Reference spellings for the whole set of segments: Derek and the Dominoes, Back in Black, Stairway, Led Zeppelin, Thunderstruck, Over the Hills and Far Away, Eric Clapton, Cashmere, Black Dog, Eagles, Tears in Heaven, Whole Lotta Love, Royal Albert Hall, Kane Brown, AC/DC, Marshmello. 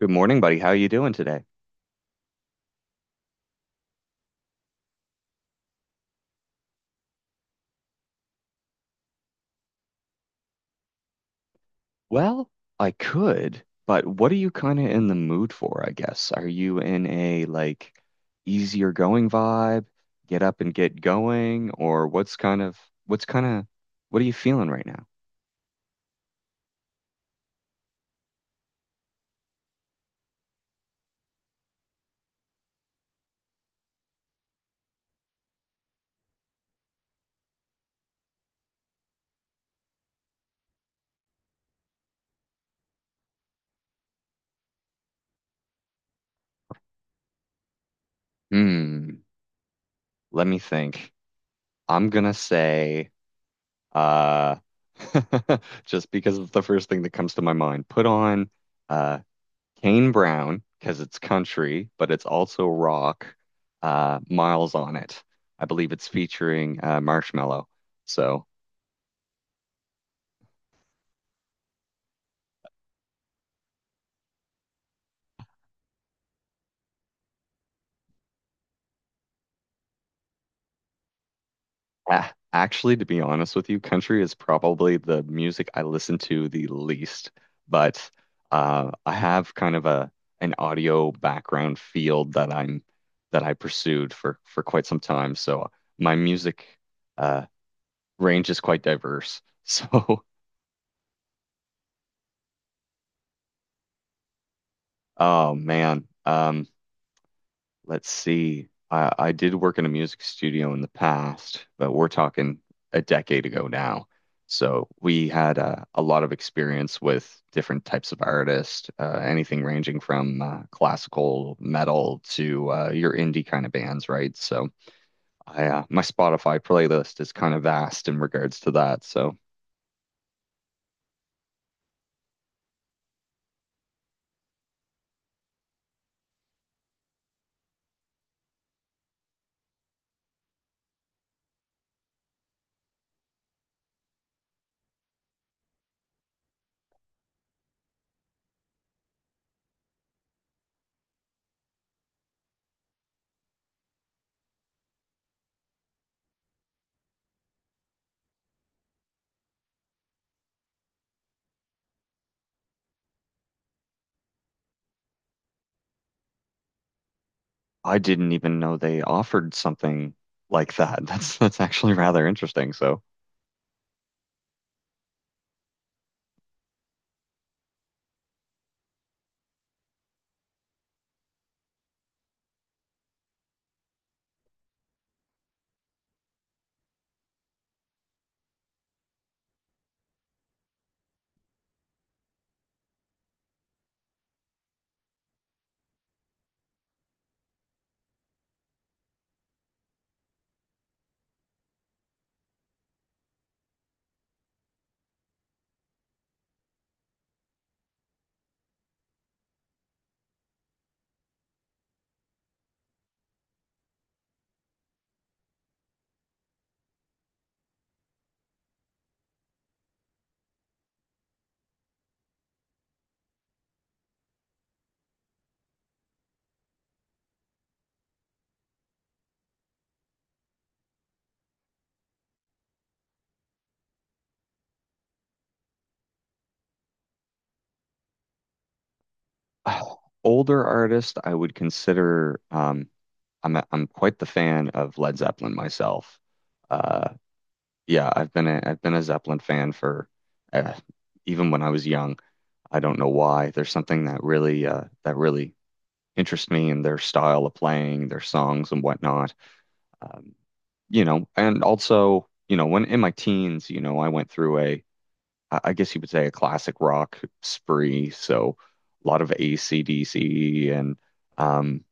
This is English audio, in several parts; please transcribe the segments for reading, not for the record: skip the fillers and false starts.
Good morning, buddy. How you doing today? Well, I could, but what are you kind of in the mood for, I guess? Are you in a like easier going vibe, get up and get going, or what's kind of what are you feeling right now? Hmm, let me think. I'm gonna say uh just because it's the first thing that comes to my mind. Put on uh Kane Brown, because it's country, but it's also rock, Miles on it. I believe it's featuring Marshmello. So, actually, to be honest with you, country is probably the music I listen to the least, but I have kind of a an audio background field that I pursued for quite some time. So my music uh, range is quite diverse. So, oh man. Let's see. I did work in a music studio in the past, but we're talking a decade ago now. So we had a lot of experience with different types of artists, anything ranging from classical metal to your indie kind of bands, right? So I, my Spotify playlist is kind of vast in regards to that. So I didn't even know they offered something like that. That's actually rather interesting. So older artist, I would consider. I'm quite the fan of Led Zeppelin myself. Uh, yeah, I've been a Zeppelin fan for uh, even when I was young. I don't know why. There's something that really that really interests me in their style of playing, their songs and whatnot. Um, you know, and also, you know, when in my teens, you know, I went through a I guess you would say a classic rock spree. So a lot of AC/DC and um,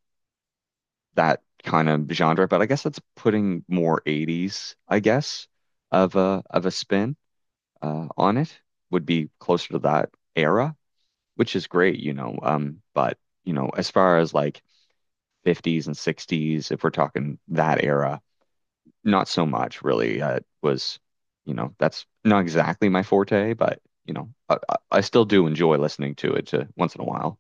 that kind of genre. But I guess that's putting more 80s, I guess, of a spin on it would be closer to that era, which is great, you know. But you know, as far as like 50s and 60s, if we're talking that era, not so much really. It was, you know, that's not exactly my forte, but you know, I still do enjoy listening to it once in a while.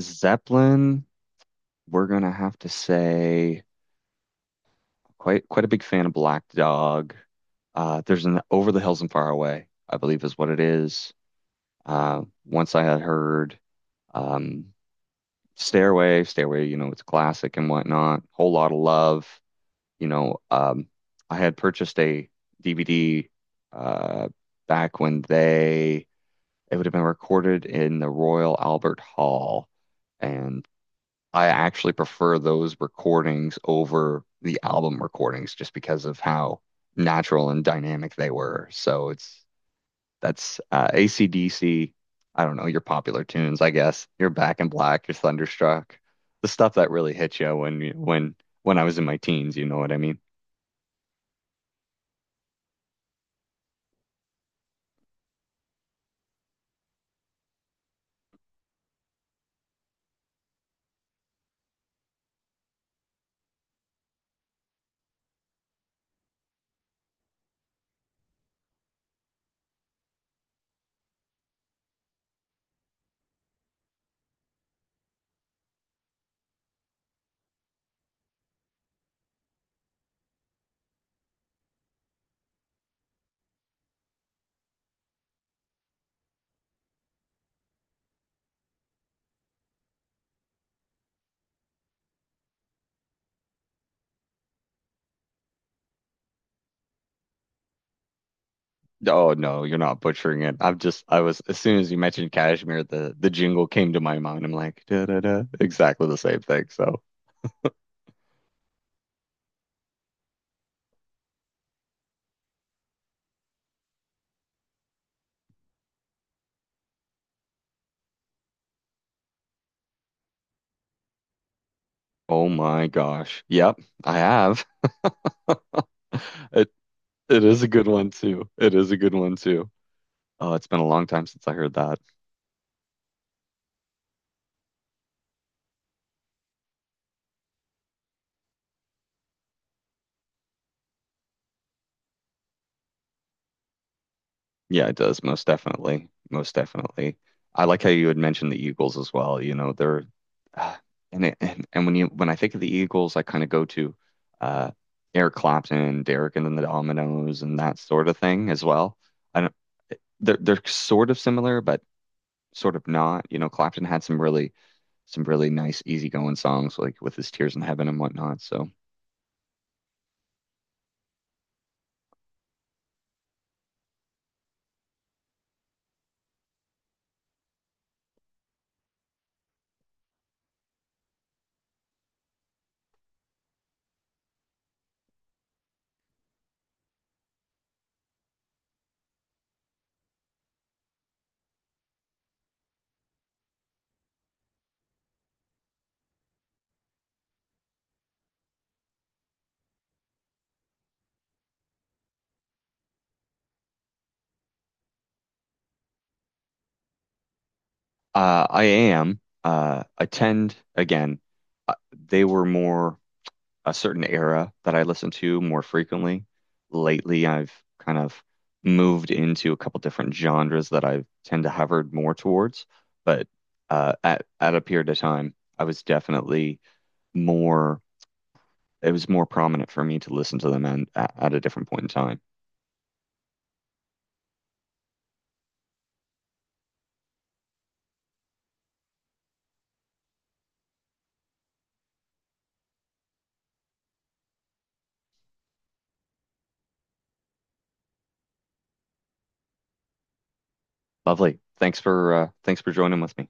Zeppelin, we're gonna have to say quite a big fan of Black Dog. There's an Over the Hills and Far Away, I believe is what it is. Once I had heard um, Stairway, you know, it's a classic and whatnot. Whole lot of love. You know, I had purchased a DVD, uh, back when they it would have been recorded in the Royal Albert Hall, and I actually prefer those recordings over the album recordings just because of how natural and dynamic they were. So it's that's AC/DC. I don't know your popular tunes, I guess. Your Back in Black, your Thunderstruck, the stuff that really hit you when I was in my teens. You know what I mean? Oh no, you're not butchering it. I'm just I was As soon as you mentioned cashmere, the jingle came to my mind. I'm like, da da da, exactly the same thing. So, oh my gosh. Yep, I have. It is a good one too. It is a good one too. Oh, it's been a long time since I heard that. Yeah, it does, most definitely. Most definitely. I like how you had mentioned the Eagles as well. You know, they're ah, and when you when I think of the Eagles, I kind of go to uh Eric Clapton, Derek and then the Dominoes and that sort of thing as well. I don't they're sort of similar, but sort of not. You know, Clapton had some really nice easygoing songs like with his Tears in Heaven and whatnot. So I am attend again. Uh, they were more a certain era that I listen to more frequently. Lately, I've kind of moved into a couple different genres that I tend to hover more towards. But at a period of time, I was definitely more. It was more prominent for me to listen to them and at a different point in time. Lovely. Thanks for thanks for joining with me.